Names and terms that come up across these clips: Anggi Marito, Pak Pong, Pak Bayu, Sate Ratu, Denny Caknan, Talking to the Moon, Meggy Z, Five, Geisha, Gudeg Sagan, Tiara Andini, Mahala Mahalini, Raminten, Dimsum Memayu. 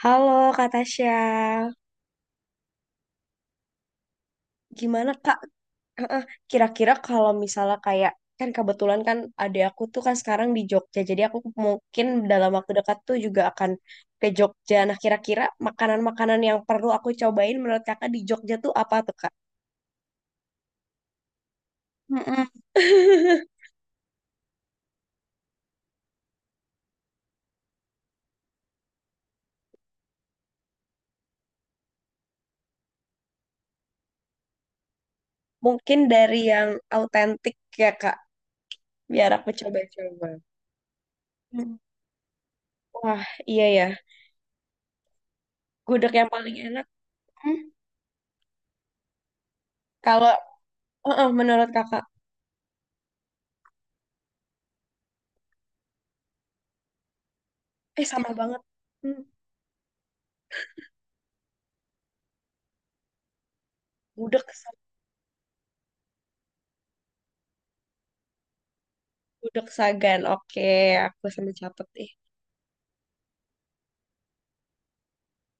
Halo Kak Tasya, gimana Kak? Eh, Kira-kira kalau misalnya kayak kan kebetulan kan adik aku tuh kan sekarang di Jogja, jadi aku mungkin dalam waktu dekat tuh juga akan ke Jogja. Nah, kira-kira makanan-makanan yang perlu aku cobain menurut Kakak di Jogja tuh apa tuh Kak? Mm-mm. Mungkin dari yang autentik ya Kak, biar aku coba-coba. Hmm. Wah, iya ya, gudeg yang paling enak. hmm, Kalau menurut Kakak, eh sama banget. Hmm, gudeg Gudeg Sagan. Oke, aku sambil catet nih.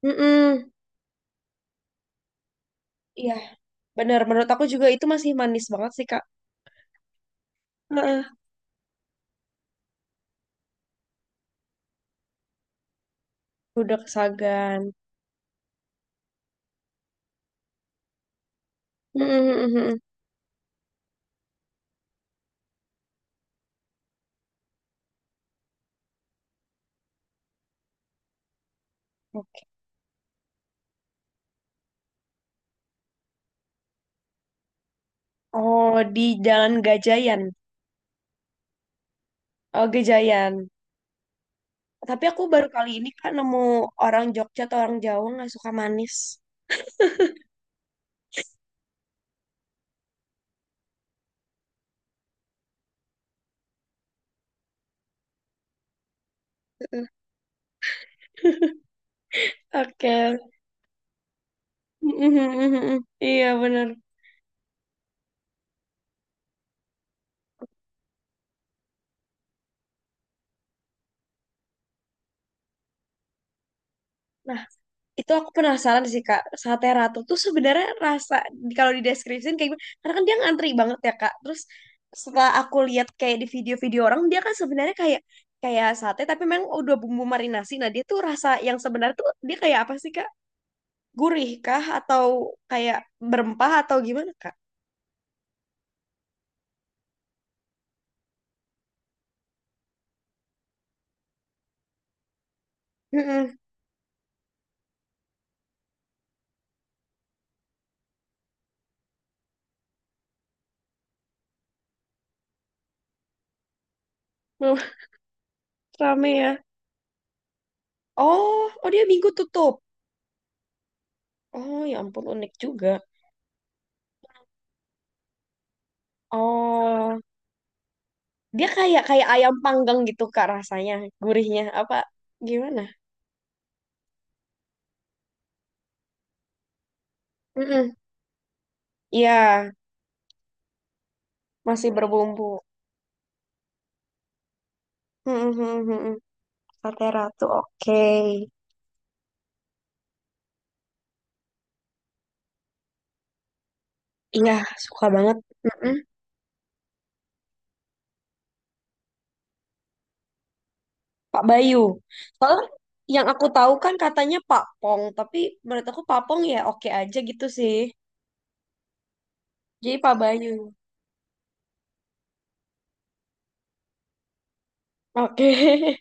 Mm-mm. Iya, bener. Menurut aku juga itu masih manis banget sih, Kak. Heeh, Gudeg Sagan. Mm-mm. Oke. Oh, di Jalan Gajayan. Oh, Gejayan. Tapi aku baru kali ini, Kak, nemu orang Jogja atau orang Jawa nggak suka manis. Heeh. Oke. Mm-mm. Iya, bener. Nah, itu aku penasaran sih kak sate ratu tuh sebenarnya rasa kalau dideskripsiin kayak gimana karena kan dia ngantri banget ya kak terus setelah aku lihat kayak di video-video orang dia kan sebenarnya kayak kayak sate tapi memang udah bumbu marinasi nah dia tuh rasa yang sebenarnya tuh dia kayak apa sih kak gurih kah atau kayak berempah atau gimana kak. Mm-mm. Uh, rame ya, oh oh dia minggu tutup, oh ya ampun unik juga. Oh, dia kayak kayak ayam panggang gitu Kak rasanya, gurihnya apa gimana? Mm-mm. Iya, masih berbumbu. Mm-mm-mm-mm. Sate ratu, oke. Iya, suka banget. Mm-mm. Pak Bayu. Soalnya kan yang aku tahu kan katanya Pak Pong, tapi menurut aku Pak Pong ya oke aja gitu sih. Jadi Pak Bayu. Oke.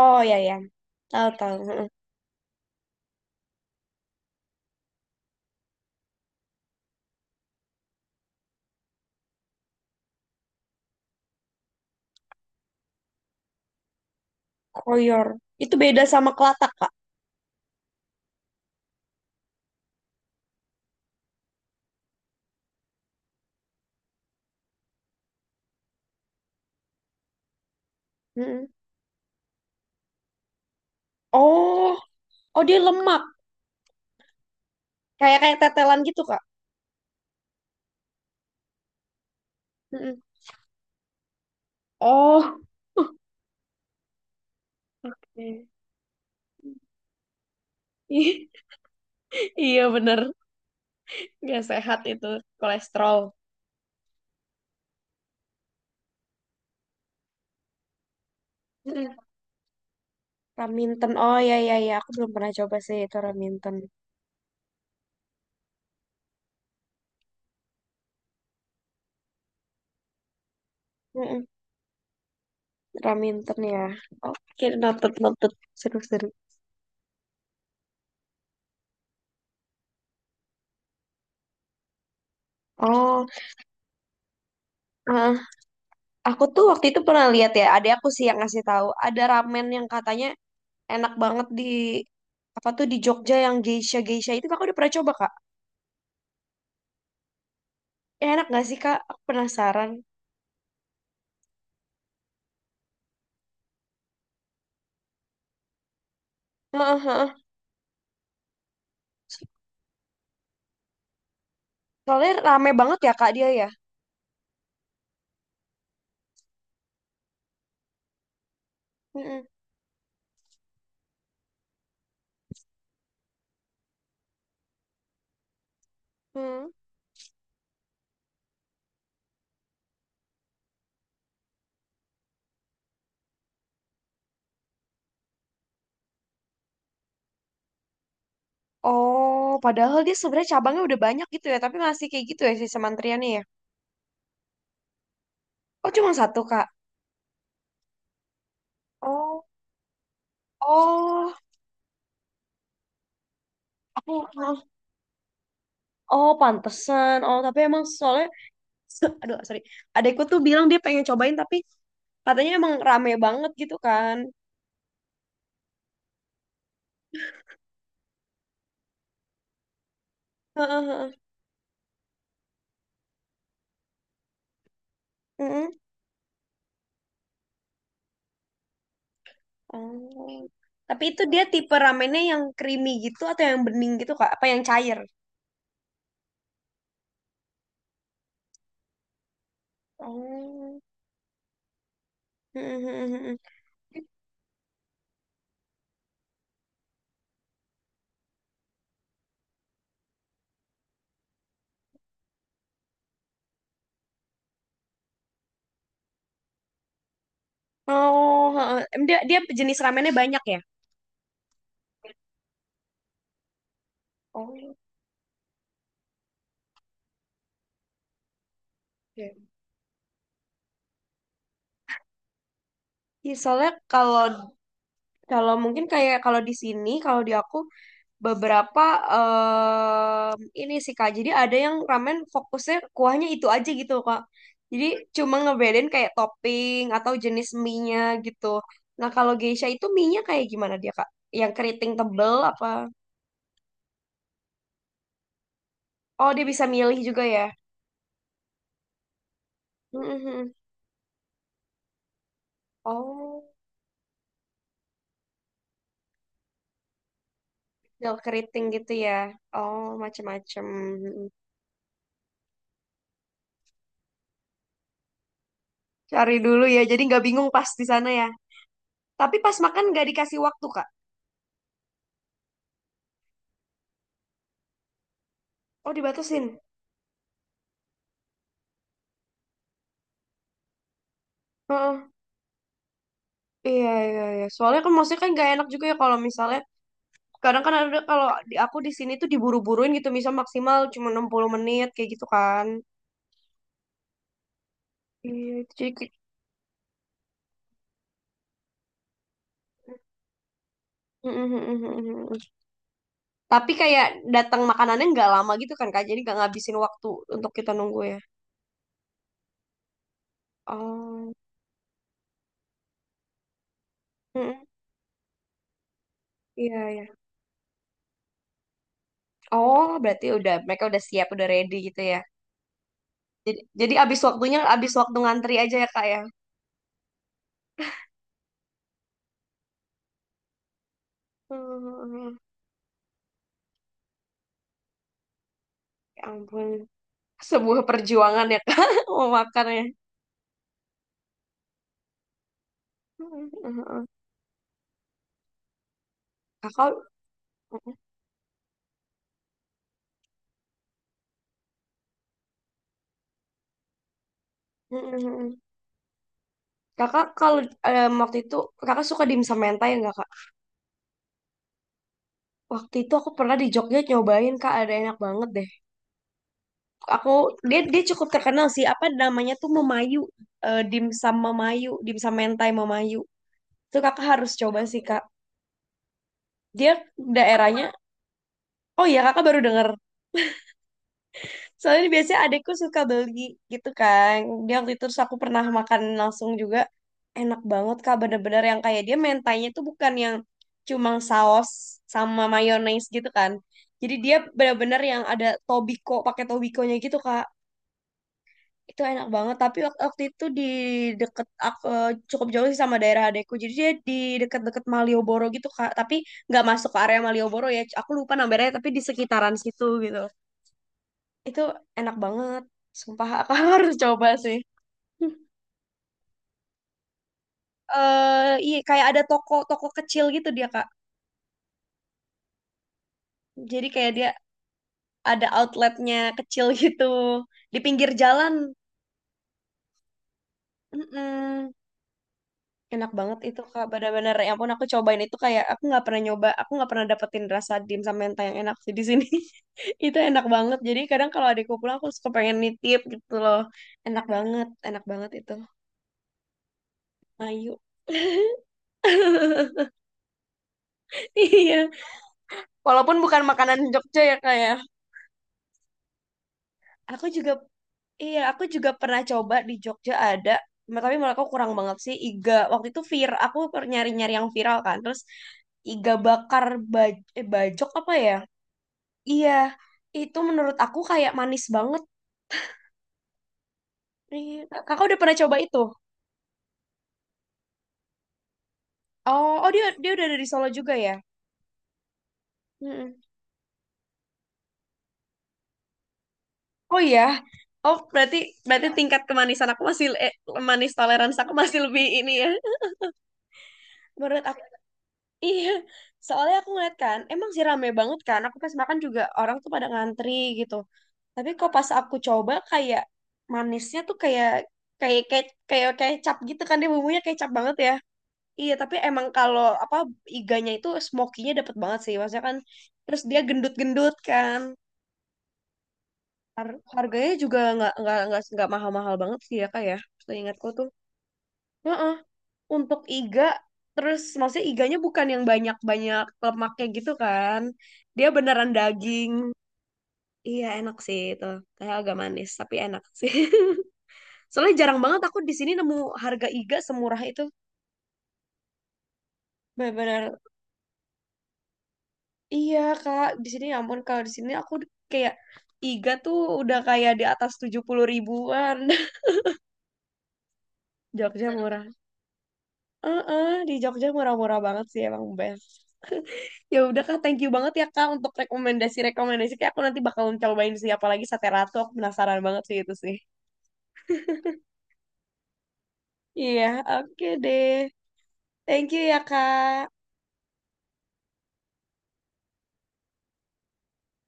Oh ya ya, tahu tahu. Mm-mm. Koyor. Itu beda sama kelatak, Kak. Mm-mm. Oh, oh dia lemak. Kayak kayak tetelan gitu, Kak. Mm-mm. Oh, oke. Iya bener, nggak sehat itu kolesterol. Mm-mm. Raminten. Oh ya ya ya, aku belum pernah coba sih itu Raminten. Mm-mm. Raminten ya. Oke, noted noted. Seru-seru. Oh, ah, aku tuh waktu itu pernah lihat ya, ada aku sih yang ngasih tahu, ada ramen yang katanya enak banget di apa tuh di Jogja yang geisha geisha itu kakak udah pernah coba kak? Ya, enak gak sih kak? Aku penasaran. Heeh, heeh. Soalnya rame banget ya kak dia ya. Mm-mm. Hmm. Oh, padahal dia sebenarnya cabangnya udah banyak gitu ya, tapi masih kayak gitu ya si antriannya ya. Oh, cuma satu, Kak. Oh, oh, aku, ah, oh, pantesan. Oh, tapi emang soalnya, aduh, sorry. Adekku tuh bilang dia pengen cobain, tapi katanya emang rame banget gitu kan. Heeh, heeh. Mm-mm. Oh. Tapi itu dia tipe ramennya yang creamy gitu atau yang bening gitu, Kak? Apa yang cair? Oh, heeh, heeh, heeh. Oh, heeh. Dia jenis ramennya banyak ya? Oh, oke. Ya, soalnya kalau kalau mungkin kayak kalau di sini, kalau di aku beberapa ini sih Kak. Jadi ada yang ramen fokusnya kuahnya itu aja gitu Kak. Jadi cuma ngebedain kayak topping atau jenis mie-nya gitu. Nah, kalau geisha itu mie-nya kayak gimana dia Kak? Yang keriting tebel apa? Oh, dia bisa milih juga ya. Mhm. Oh, yang keriting gitu ya. Oh, macem-macem. Cari dulu ya. Jadi nggak bingung pas di sana ya. Tapi pas makan nggak dikasih waktu, Kak. Oh, dibatasin. Heeh. Iya, iya, iya. Soalnya kan maksudnya kan nggak enak juga ya kalau misalnya kadang kan ada kalau di aku di sini tuh diburu-buruin gitu, misal maksimal cuma 60 menit kayak gitu kan. Iya, itu jadi kayak- Mm, mm, mm, mm, mm, mm. Tapi kayak datang makanannya nggak lama gitu kan Kak, jadi nggak ngabisin waktu untuk kita nunggu ya. Oh, Mm-mm. Iya iya. Oh, berarti udah mereka udah siap, udah ready gitu ya. Jadi abis waktunya, abis waktu ngantri aja ya Kak ya. Hmm, ya ampun. Sebuah perjuangan ya kak memakannya. Mhm. Kakak. Mhm. Kakak kalau waktu itu kakak suka dimsum mentai nggak kak, waktu itu aku pernah di Jogja nyobain kak ada enak banget deh, aku dia dia cukup terkenal sih apa namanya tuh memayu. Dimsum memayu dimsum mentai memayu itu kakak harus coba sih kak. Dia daerahnya Oh iya kakak baru denger. Soalnya biasanya adekku suka beli gitu kan. Dia waktu itu terus aku pernah makan langsung juga. Enak banget Kak, bener-bener yang kayak dia mentainya tuh bukan yang cuma saus sama mayones gitu kan. Jadi dia bener-bener yang ada tobiko, pakai tobikonya gitu Kak. Itu enak banget, tapi waktu itu di deket aku cukup jauh sih sama daerah adekku. Jadi dia di deket-deket Malioboro gitu Kak, tapi nggak masuk ke area Malioboro ya. Aku lupa namanya, tapi di sekitaran situ gitu. Itu enak banget. Sumpah, Kakak harus coba sih. Eh iya, kayak ada toko-toko kecil gitu dia, Kak. Jadi kayak dia ada outletnya kecil gitu di pinggir jalan. Mm-mm. Enak banget itu, Kak. Bener-bener. Ya ampun, aku cobain itu kayak aku nggak pernah nyoba. Aku nggak pernah dapetin rasa dim sama mentah yang enak sih di sini. Itu enak banget. Jadi kadang kalau adikku pulang, aku suka pengen nitip gitu loh. Enak banget. Enak banget itu. Ayo. Iya. Walaupun bukan makanan Jogja ya, Kak, ya. Aku juga iya, aku juga pernah coba di Jogja ada, tapi menurut aku kurang banget sih iga. Waktu itu nyari-nyari yang viral kan. Terus iga bakar baj eh, bajok apa ya? Iya, itu menurut aku kayak manis banget. Iya. Kakak udah pernah coba itu? Oh dia dia udah ada di Solo juga ya? Mm-mm. Oh iya. Oh, berarti berarti tingkat kemanisan aku masih manis toleransi aku masih lebih ini ya. Menurut aku Iya, soalnya aku ngeliat kan, emang sih rame banget kan. Aku pas makan juga orang tuh pada ngantri gitu. Tapi kok pas aku coba kayak manisnya tuh kayak kayak kecap gitu kan dia bumbunya kecap banget ya. Iya, tapi emang kalau apa iganya itu smokinya dapet banget sih. Maksudnya kan terus dia gendut-gendut kan. Harganya juga nggak mahal-mahal banget sih ya kak ya. Seingatku tuh. Heeh. Untuk iga terus maksudnya iganya bukan yang banyak-banyak lemaknya gitu kan. Dia beneran daging. Iya enak sih itu. Kayak agak manis tapi enak sih. Soalnya jarang banget aku di sini nemu harga iga semurah itu. Bener-bener iya Kak, di sini ya ampun kalau di sini aku kayak iga tuh udah kayak di atas 70 ribuan. Jogja murah. Heeh, di Jogja murah-murah banget sih emang best. Ya udah Kak, thank you banget ya Kak untuk rekomendasi-rekomendasi. Kayak aku nanti bakalan cobain sih apalagi sate ratu. Aku penasaran banget sih itu sih. Iya, oke deh. Thank you ya Kak.